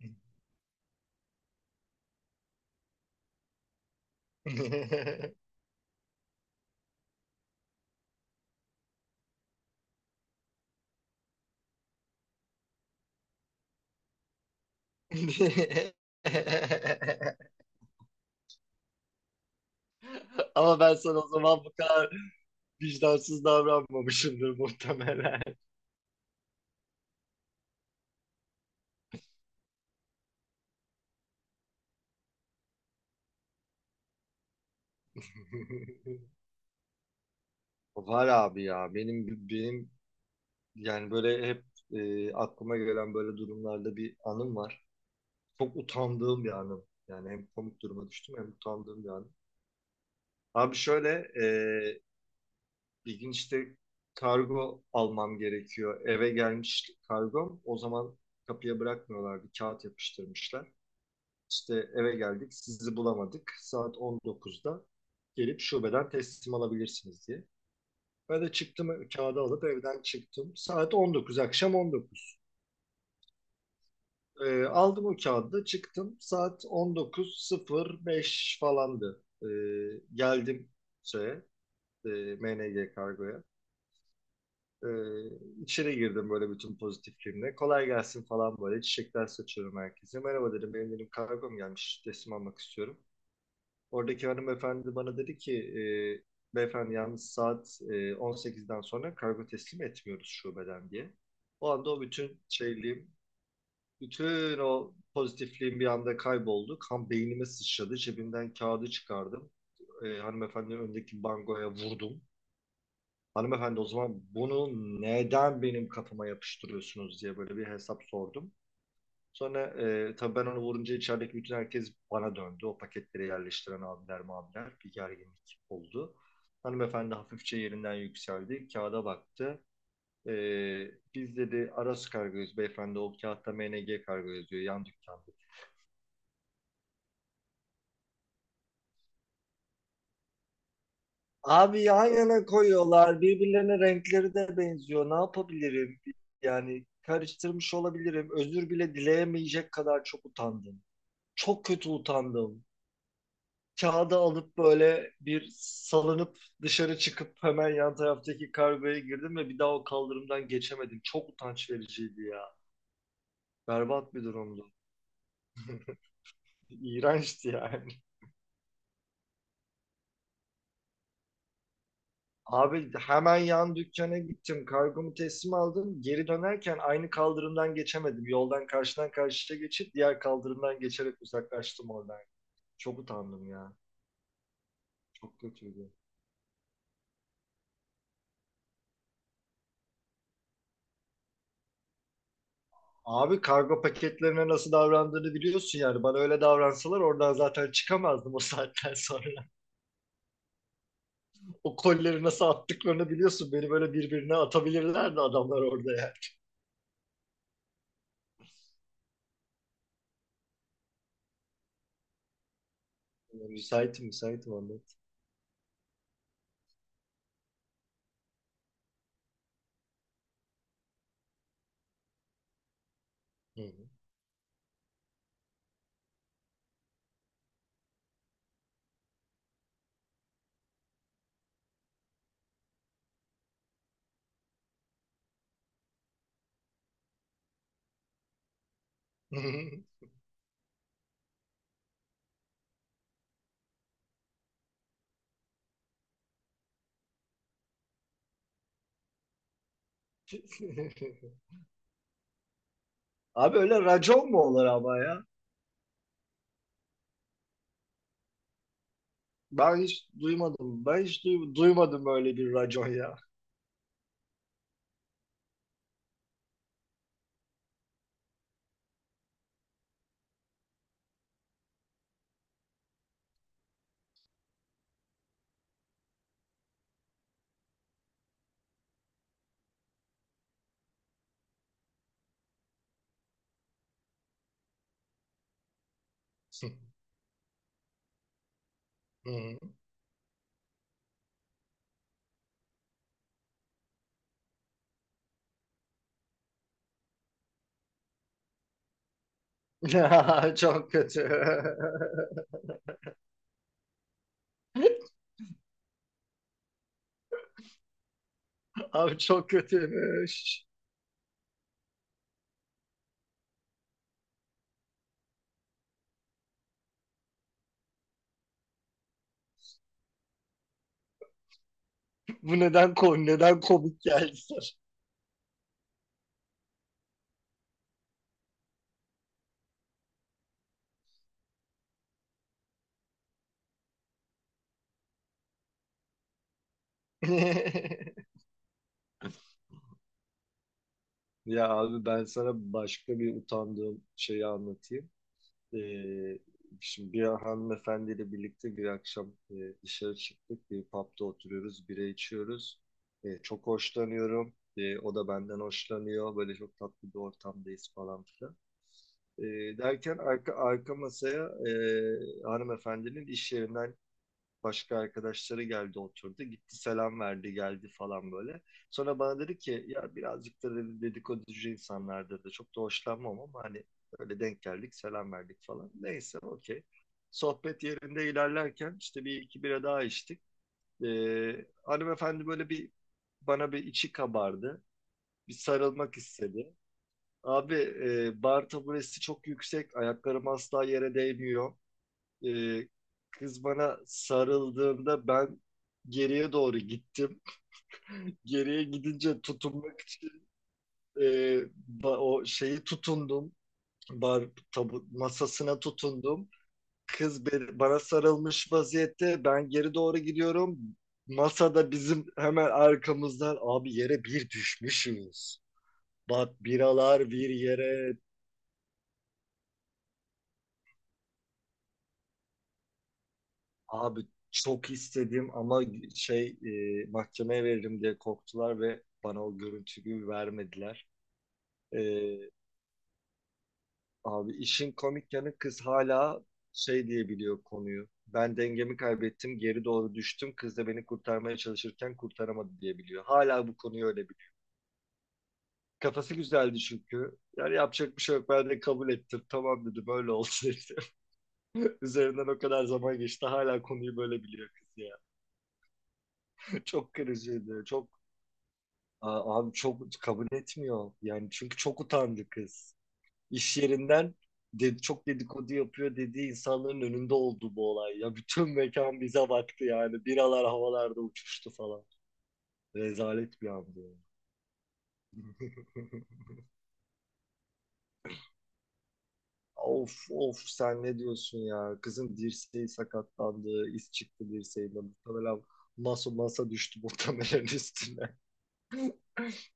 Ama ben sana o zaman bu kadar vicdansız davranmamışımdır muhtemelen. Var abi ya benim yani böyle hep aklıma gelen böyle durumlarda bir anım var. Çok utandığım bir anım. Yani hem komik duruma düştüm hem utandığım bir anım. Abi şöyle e, bir gün işte kargo almam gerekiyor. Eve gelmiş kargom. O zaman kapıya bırakmıyorlar. Bir kağıt yapıştırmışlar. İşte eve geldik. Sizi bulamadık. Saat 19'da gelip şubeden teslim alabilirsiniz diye. Ben de çıktım kağıdı alıp evden çıktım. Saat 19, akşam 19. Aldım o kağıdı da çıktım. Saat 19.05 falandı. Geldim şeye, e, MNG kargoya. Ee, içeri girdim böyle bütün pozitifliğimle. Kolay gelsin falan böyle. Çiçekler saçıyorum herkese. Merhaba dedim. Benim dedim kargom gelmiş. Teslim almak istiyorum. Oradaki hanımefendi bana dedi ki beyefendi yalnız saat 18'den sonra kargo teslim etmiyoruz şubeden diye. O anda o bütün şeyliğim, bütün o pozitifliğim bir anda kayboldu. Kan beynime sıçradı. Cebimden kağıdı çıkardım. Hanımefendinin önündeki bangoya vurdum. Hanımefendi o zaman bunu neden benim kafama yapıştırıyorsunuz diye böyle bir hesap sordum. Sonra tabii ben onu vurunca içerideki bütün herkes bana döndü. O paketleri yerleştiren abiler mabiler bir gerginlik oldu. Hanımefendi hafifçe yerinden yükseldi. Kağıda baktı. E, Biz dedi Aras kargoyuz beyefendi o kağıtta MNG kargo yazıyor yan dükkanda. Abi yan yana koyuyorlar. Birbirlerine renkleri de benziyor. Ne yapabilirim? Yani karıştırmış olabilirim. Özür bile dileyemeyecek kadar çok utandım. Çok kötü utandım. Kağıdı alıp böyle bir salınıp dışarı çıkıp hemen yan taraftaki kargoya girdim ve bir daha o kaldırımdan geçemedim. Çok utanç vericiydi ya. Berbat bir durumdu. İğrençti yani. Abi hemen yan dükkana gittim. Kargomu teslim aldım. Geri dönerken aynı kaldırımdan geçemedim. Yoldan karşıdan karşıya geçip diğer kaldırımdan geçerek uzaklaştım oradan. Çok utandım ya. Çok kötüydü. Abi kargo paketlerine nasıl davrandığını biliyorsun yani. Bana öyle davransalar oradan zaten çıkamazdım o saatten sonra. O kolleri nasıl attıklarını biliyorsun. Beni böyle birbirine atabilirlerdi adamlar orada ya. Müsaitim, müsaitim anlat. Hı hı. Abi öyle racon mu olur ama ya? Ben hiç duymadım. Duymadım böyle bir racon ya. Çok kötü. Abi çok kötüymüş. Bu neden neden komik geldi sana? Ya abi ben sana başka bir utandığım şeyi anlatayım. Ee, Şimdi bir hanımefendiyle birlikte bir akşam dışarı çıktık. Bir pub'da oturuyoruz, bira içiyoruz. Çok hoşlanıyorum. O da benden hoşlanıyor. Böyle çok tatlı bir ortamdayız falan filan. Ee, Derken arka masaya hanımefendinin iş yerinden başka arkadaşları geldi oturdu. Gitti selam verdi geldi falan böyle. Sonra bana dedi ki ya birazcık da dedi, dedikoducu insanlardır da çok da hoşlanmam ama hani öyle denk geldik selam verdik falan. Neyse okey. Sohbet yerinde ilerlerken işte bir iki bira daha içtik. Hanımefendi böyle bir bana bir içi kabardı. Bir sarılmak istedi. Abi bar taburesi çok yüksek. Ayaklarım asla yere değmiyor. Ee, Kız bana sarıldığında ben geriye doğru gittim. Geriye gidince tutunmak için e, o şeyi tutundum. Bar tabu masasına tutundum. Kız bana sarılmış vaziyette. Ben geri doğru gidiyorum. Masada bizim hemen arkamızdan abi yere bir düşmüşüz. Bak biralar bir yere. Abi çok istedim ama şey mahkemeye veririm diye korktular ve bana o görüntüyü vermediler. E, Abi işin komik yanı kız hala şey diyebiliyor konuyu. Ben dengemi kaybettim, geri doğru düştüm. Kız da beni kurtarmaya çalışırken kurtaramadı diyebiliyor. Hala bu konuyu öyle biliyor. Kafası güzeldi çünkü. Yani yapacak bir şey yok. Ben de kabul ettim. Tamam dedi böyle olsun işte. Üzerinden o kadar zaman geçti. Hala konuyu böyle biliyor kız ya. Çok kırıcıydı. Çok aa, abi çok kabul etmiyor. Yani çünkü çok utandı kız. İş yerinden de, çok dedikodu yapıyor dediği insanların önünde oldu bu olay. Ya bütün mekan bize baktı yani. Biralar havalarda uçuştu falan. Rezalet bir andı. Of of sen ne diyorsun ya? Kızın dirseği sakatlandı. İz çıktı dirseğinde. Muhtemelen masa düştü muhtemelen üstüne.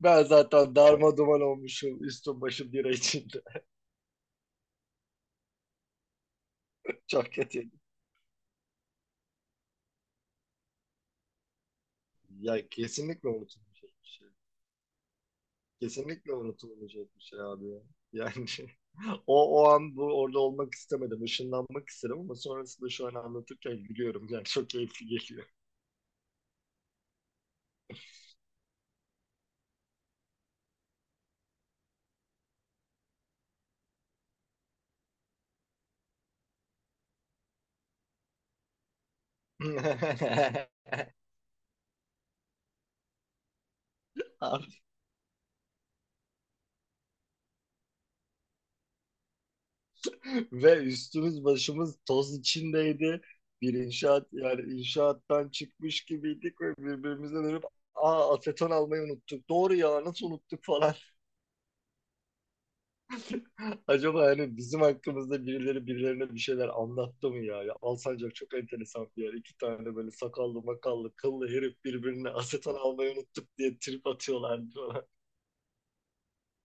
Ben zaten darma duman olmuşum. Üstüm başım bira içinde. Çok kötü. Ya kesinlikle unutulmayacak bir şey. Kesinlikle unutulmayacak bir şey abi ya. Yani o an bu orada olmak istemedim. Işınlanmak istedim ama sonrasında şu an anlatırken gülüyorum. Yani çok keyifli geliyor. Abi, ve üstümüz başımız toz içindeydi. Bir inşaat yani inşaattan çıkmış gibiydik ve birbirimize dönüp aa aseton almayı unuttuk. Doğru ya nasıl unuttuk falan. Acaba hani bizim hakkımızda birileri birilerine bir şeyler anlattı mı ya? Ya Alsancak çok enteresan bir yer. İki tane böyle sakallı makallı kıllı herif birbirine aseton almayı unuttuk diye trip atıyorlardı falan.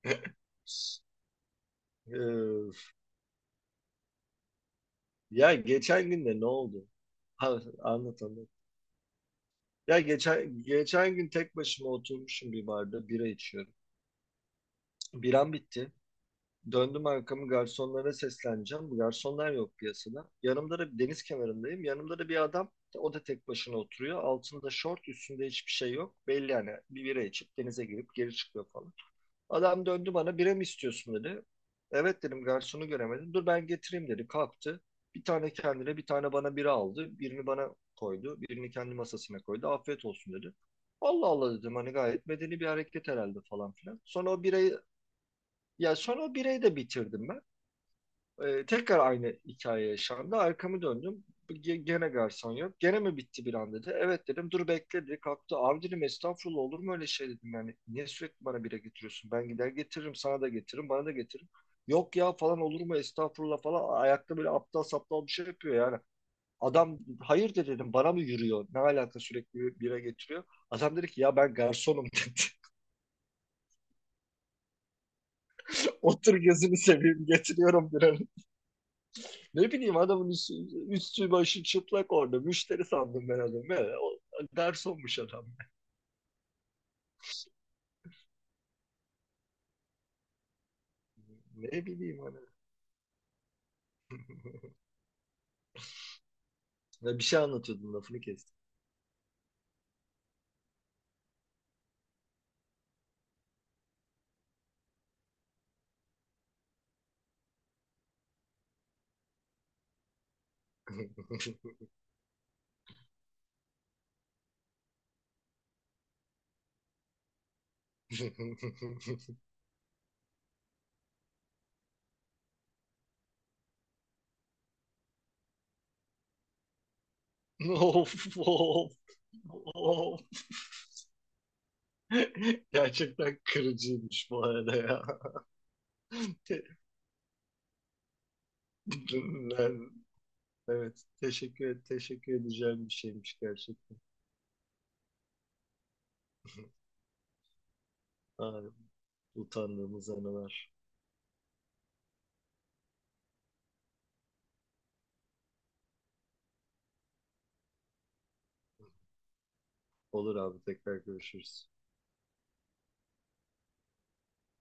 Ee, Ya geçen gün de ne oldu? Ha, anlat anlat. Ya geçen gün tek başıma oturmuşum bir barda bira içiyorum. Biram bitti. Döndüm arkamı garsonlara sesleneceğim. Garsonlar yok piyasada. Yanımda da deniz kenarındayım. Yanımda da bir adam. O da tek başına oturuyor. Altında şort, üstünde hiçbir şey yok. Belli yani bir bira içip denize girip geri çıkıyor falan. Adam döndü bana bira mı istiyorsun dedi. Evet dedim garsonu göremedim. Dur ben getireyim dedi. Kalktı. Bir tane kendine bir tane bana bira aldı. Birini bana koydu. Birini kendi masasına koydu. Afiyet olsun dedi. Allah Allah dedim hani gayet medeni bir hareket herhalde falan filan. Sonra o birayı ya sonra o birayı da bitirdim ben. Tekrar aynı hikaye yaşandı. Arkamı döndüm. Gene garson yok. Gene mi bitti bir an dedi. Evet dedim. Dur bekle dedi. Kalktı. Abi dedim estağfurullah olur mu öyle şey dedim. Yani niye sürekli bana bira getiriyorsun? Ben gider getiririm. Sana da getiririm. Bana da getiririm. Yok ya falan olur mu estağfurullah falan. Ayakta böyle aptal saptal bir şey yapıyor yani. Adam hayır de dedim bana mı yürüyor? Ne alaka sürekli bira getiriyor? Adam dedi ki ya ben garsonum dedi. Otur gözünü seveyim getiriyorum bira. Ne bileyim adamın üstü başı çıplak orada. Müşteri sandım ben adamı. Ya, o garsonmuş adam. Ne bileyim hani. Ya bir şey anlatıyordun lafını kestim. Of of. Of. Gerçekten kırıcıymış bu arada ya. Ben, evet teşekkür edeceğim bir şeymiş gerçekten. Ay, utandığımız anılar. Olur abi tekrar görüşürüz.